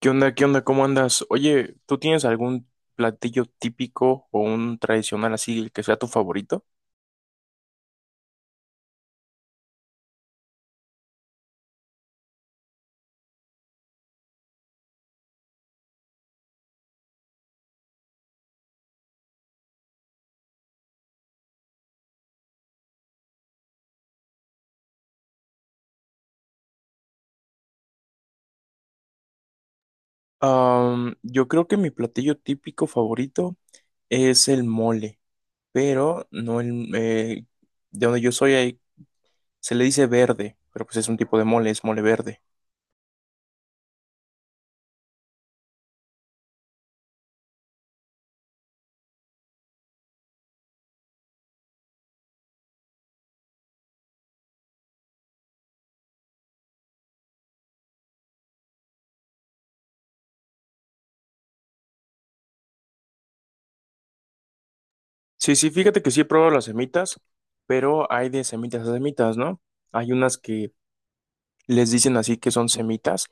¿Qué onda? ¿Qué onda? ¿Cómo andas? Oye, ¿tú tienes algún platillo típico o un tradicional, así el que sea tu favorito? Yo creo que mi platillo típico favorito es el mole, pero no el... de donde yo soy se le dice verde, pero pues es un tipo de mole, es mole verde. Sí, sí, fíjate que sí he probado las semitas, pero hay de semitas a semitas, ¿no? Hay unas que les dicen así que son semitas,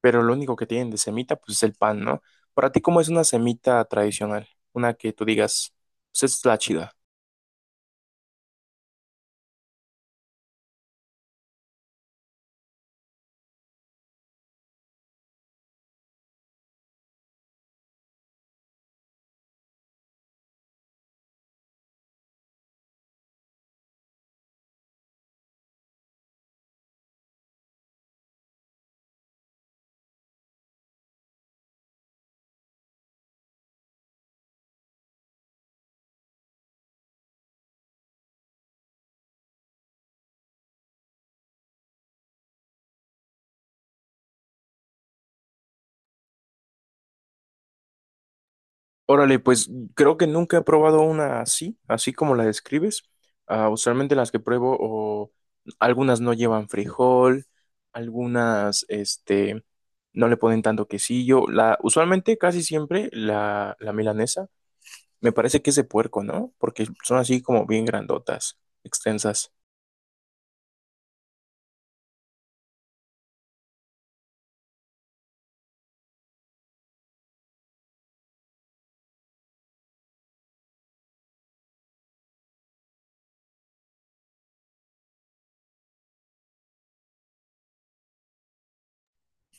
pero lo único que tienen de semita pues es el pan, ¿no? Para ti, ¿cómo es una semita tradicional? Una que tú digas, pues esta es la chida. Órale, pues creo que nunca he probado una así, así como la describes. Ah, usualmente las que pruebo, o algunas no llevan frijol, algunas, no le ponen tanto quesillo. La, usualmente, casi siempre, la milanesa, me parece que es de puerco, ¿no? Porque son así como bien grandotas, extensas.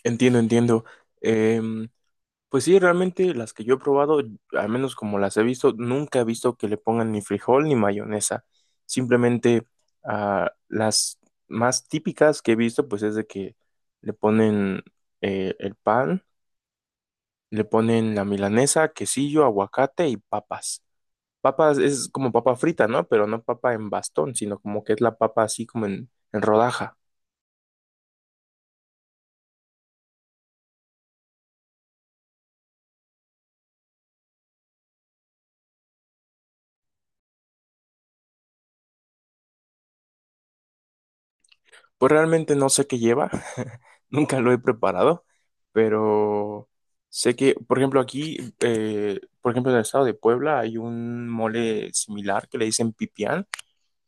Entiendo, entiendo. Em, Pues sí, realmente las que yo he probado, al menos como las he visto, nunca he visto que le pongan ni frijol ni mayonesa. Simplemente las más típicas que he visto, pues es de que le ponen el pan, le ponen la milanesa, quesillo, aguacate y papas. Papas es como papa frita, ¿no? Pero no papa en bastón, sino como que es la papa así como en rodaja. Pues realmente no sé qué lleva, nunca lo he preparado, pero sé que, por ejemplo, aquí, por ejemplo, en el estado de Puebla hay un mole similar que le dicen pipián,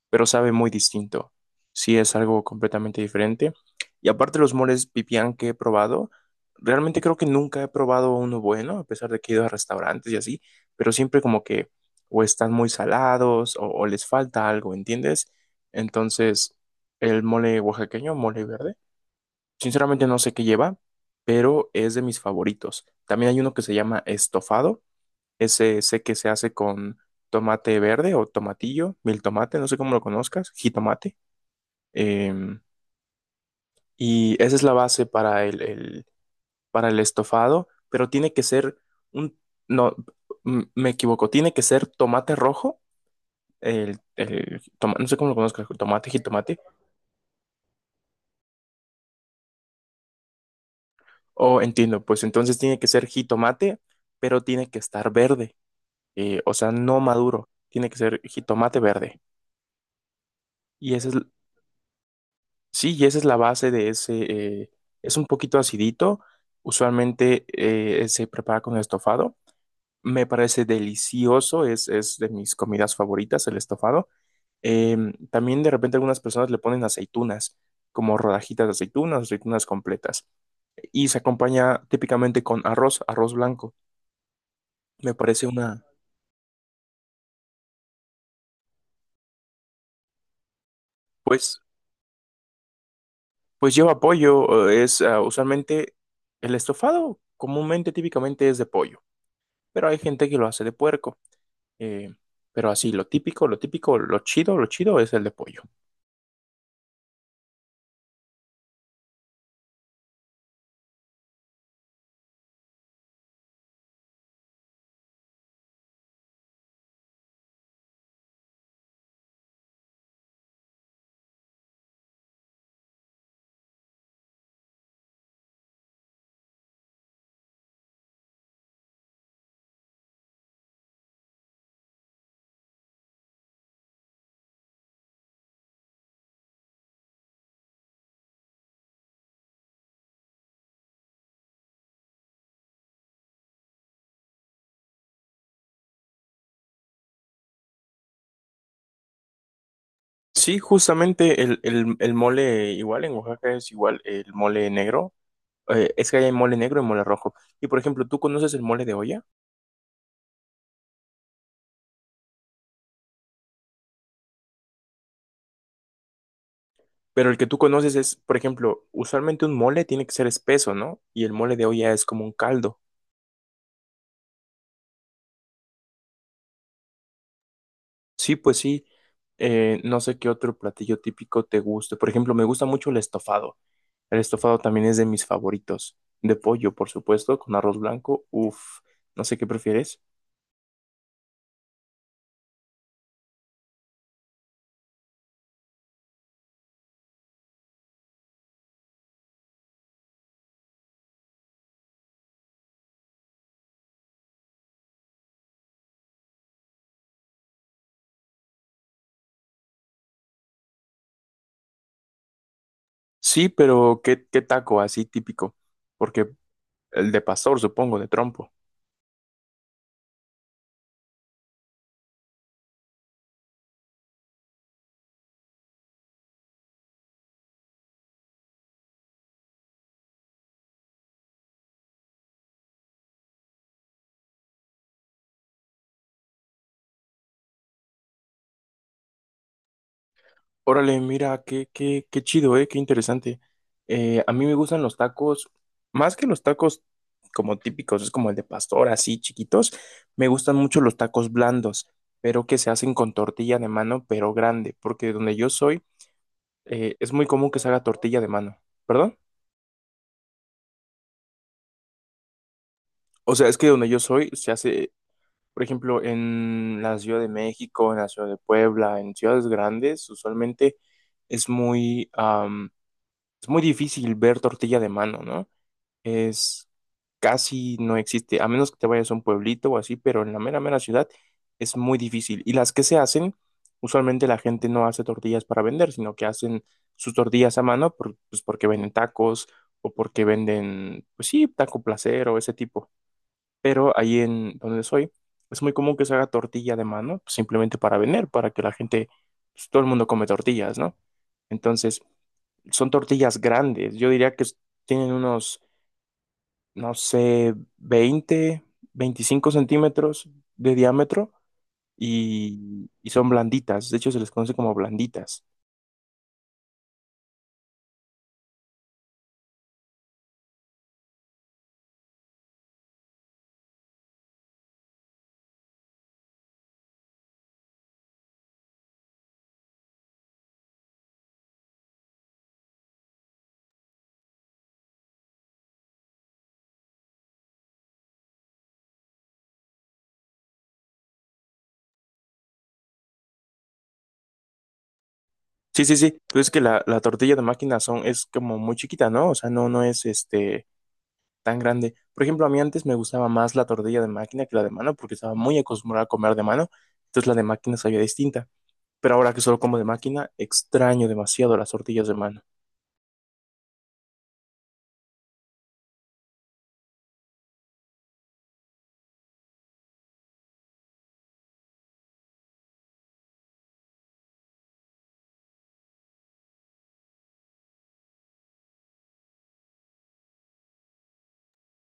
pero sabe muy distinto. Sí, es algo completamente diferente. Y aparte, los moles pipián que he probado, realmente creo que nunca he probado uno bueno, a pesar de que he ido a restaurantes y así, pero siempre como que o están muy salados o les falta algo, ¿entiendes? Entonces, el mole oaxaqueño, mole verde, sinceramente no sé qué lleva, pero es de mis favoritos. También hay uno que se llama estofado, ese que se hace con tomate verde o tomatillo, mil tomate, no sé cómo lo conozcas, jitomate. Em, y esa es la base para para el estofado, pero tiene que ser un, no, me equivoco, tiene que ser tomate rojo, no sé cómo lo conozcas, tomate, jitomate, oh, entiendo, pues entonces tiene que ser jitomate, pero tiene que estar verde, o sea, no maduro, tiene que ser jitomate verde. Y esa es, sí, y esa es la base de ese, es un poquito acidito, usualmente se prepara con estofado, me parece delicioso, es de mis comidas favoritas el estofado. Eh, También de repente algunas personas le ponen aceitunas, como rodajitas de aceitunas, aceitunas completas, y se acompaña típicamente con arroz, arroz blanco, me parece una, pues, pues lleva pollo, es ah, usualmente el estofado comúnmente, típicamente es de pollo, pero hay gente que lo hace de puerco. Eh, pero así, lo típico, lo típico, lo chido es el de pollo. Sí, justamente el mole igual en Oaxaca es igual el mole negro. Es que hay mole negro y mole rojo. Y por ejemplo, tú conoces el mole de olla, pero el que tú conoces es, por ejemplo, usualmente un mole tiene que ser espeso, ¿no? Y el mole de olla es como un caldo. Sí, pues sí. No sé qué otro platillo típico te guste. Por ejemplo, me gusta mucho el estofado. El estofado también es de mis favoritos. De pollo, por supuesto, con arroz blanco. Uf, no sé qué prefieres. Sí, pero ¿qué, qué taco así típico? Porque el de pastor, supongo, de trompo. Órale, mira, qué, qué, qué chido, ¿eh? Qué interesante. A mí me gustan los tacos, más que los tacos como típicos, es como el de pastor, así chiquitos, me gustan mucho los tacos blandos, pero que se hacen con tortilla de mano, pero grande, porque donde yo soy, es muy común que se haga tortilla de mano, ¿perdón? O sea, es que donde yo soy se hace, por ejemplo, en la Ciudad de México, en la Ciudad de Puebla, en ciudades grandes, usualmente es muy, es muy difícil ver tortilla de mano, ¿no? Es casi no existe, a menos que te vayas a un pueblito o así, pero en la mera, mera ciudad es muy difícil. Y las que se hacen, usualmente la gente no hace tortillas para vender, sino que hacen sus tortillas a mano pues porque venden tacos o porque venden, pues sí, taco placer o ese tipo. Pero ahí en donde soy, es muy común que se haga tortilla de mano, pues, simplemente para vender, para que la gente, pues, todo el mundo come tortillas, ¿no? Entonces, son tortillas grandes, yo diría que tienen unos, no sé, 20, 25 centímetros de diámetro y son blanditas. De hecho, se les conoce como blanditas. Sí, sí, sí. Pero es que la tortilla de máquina son, es como muy chiquita, ¿no? O sea, no, no es este tan grande. Por ejemplo, a mí antes me gustaba más la tortilla de máquina que la de mano porque estaba muy acostumbrada a comer de mano. Entonces la de máquina sabía distinta. Pero ahora que solo como de máquina, extraño demasiado las tortillas de mano.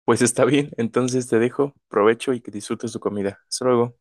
Pues está bien, entonces te dejo, provecho y que disfrutes tu comida. Hasta luego.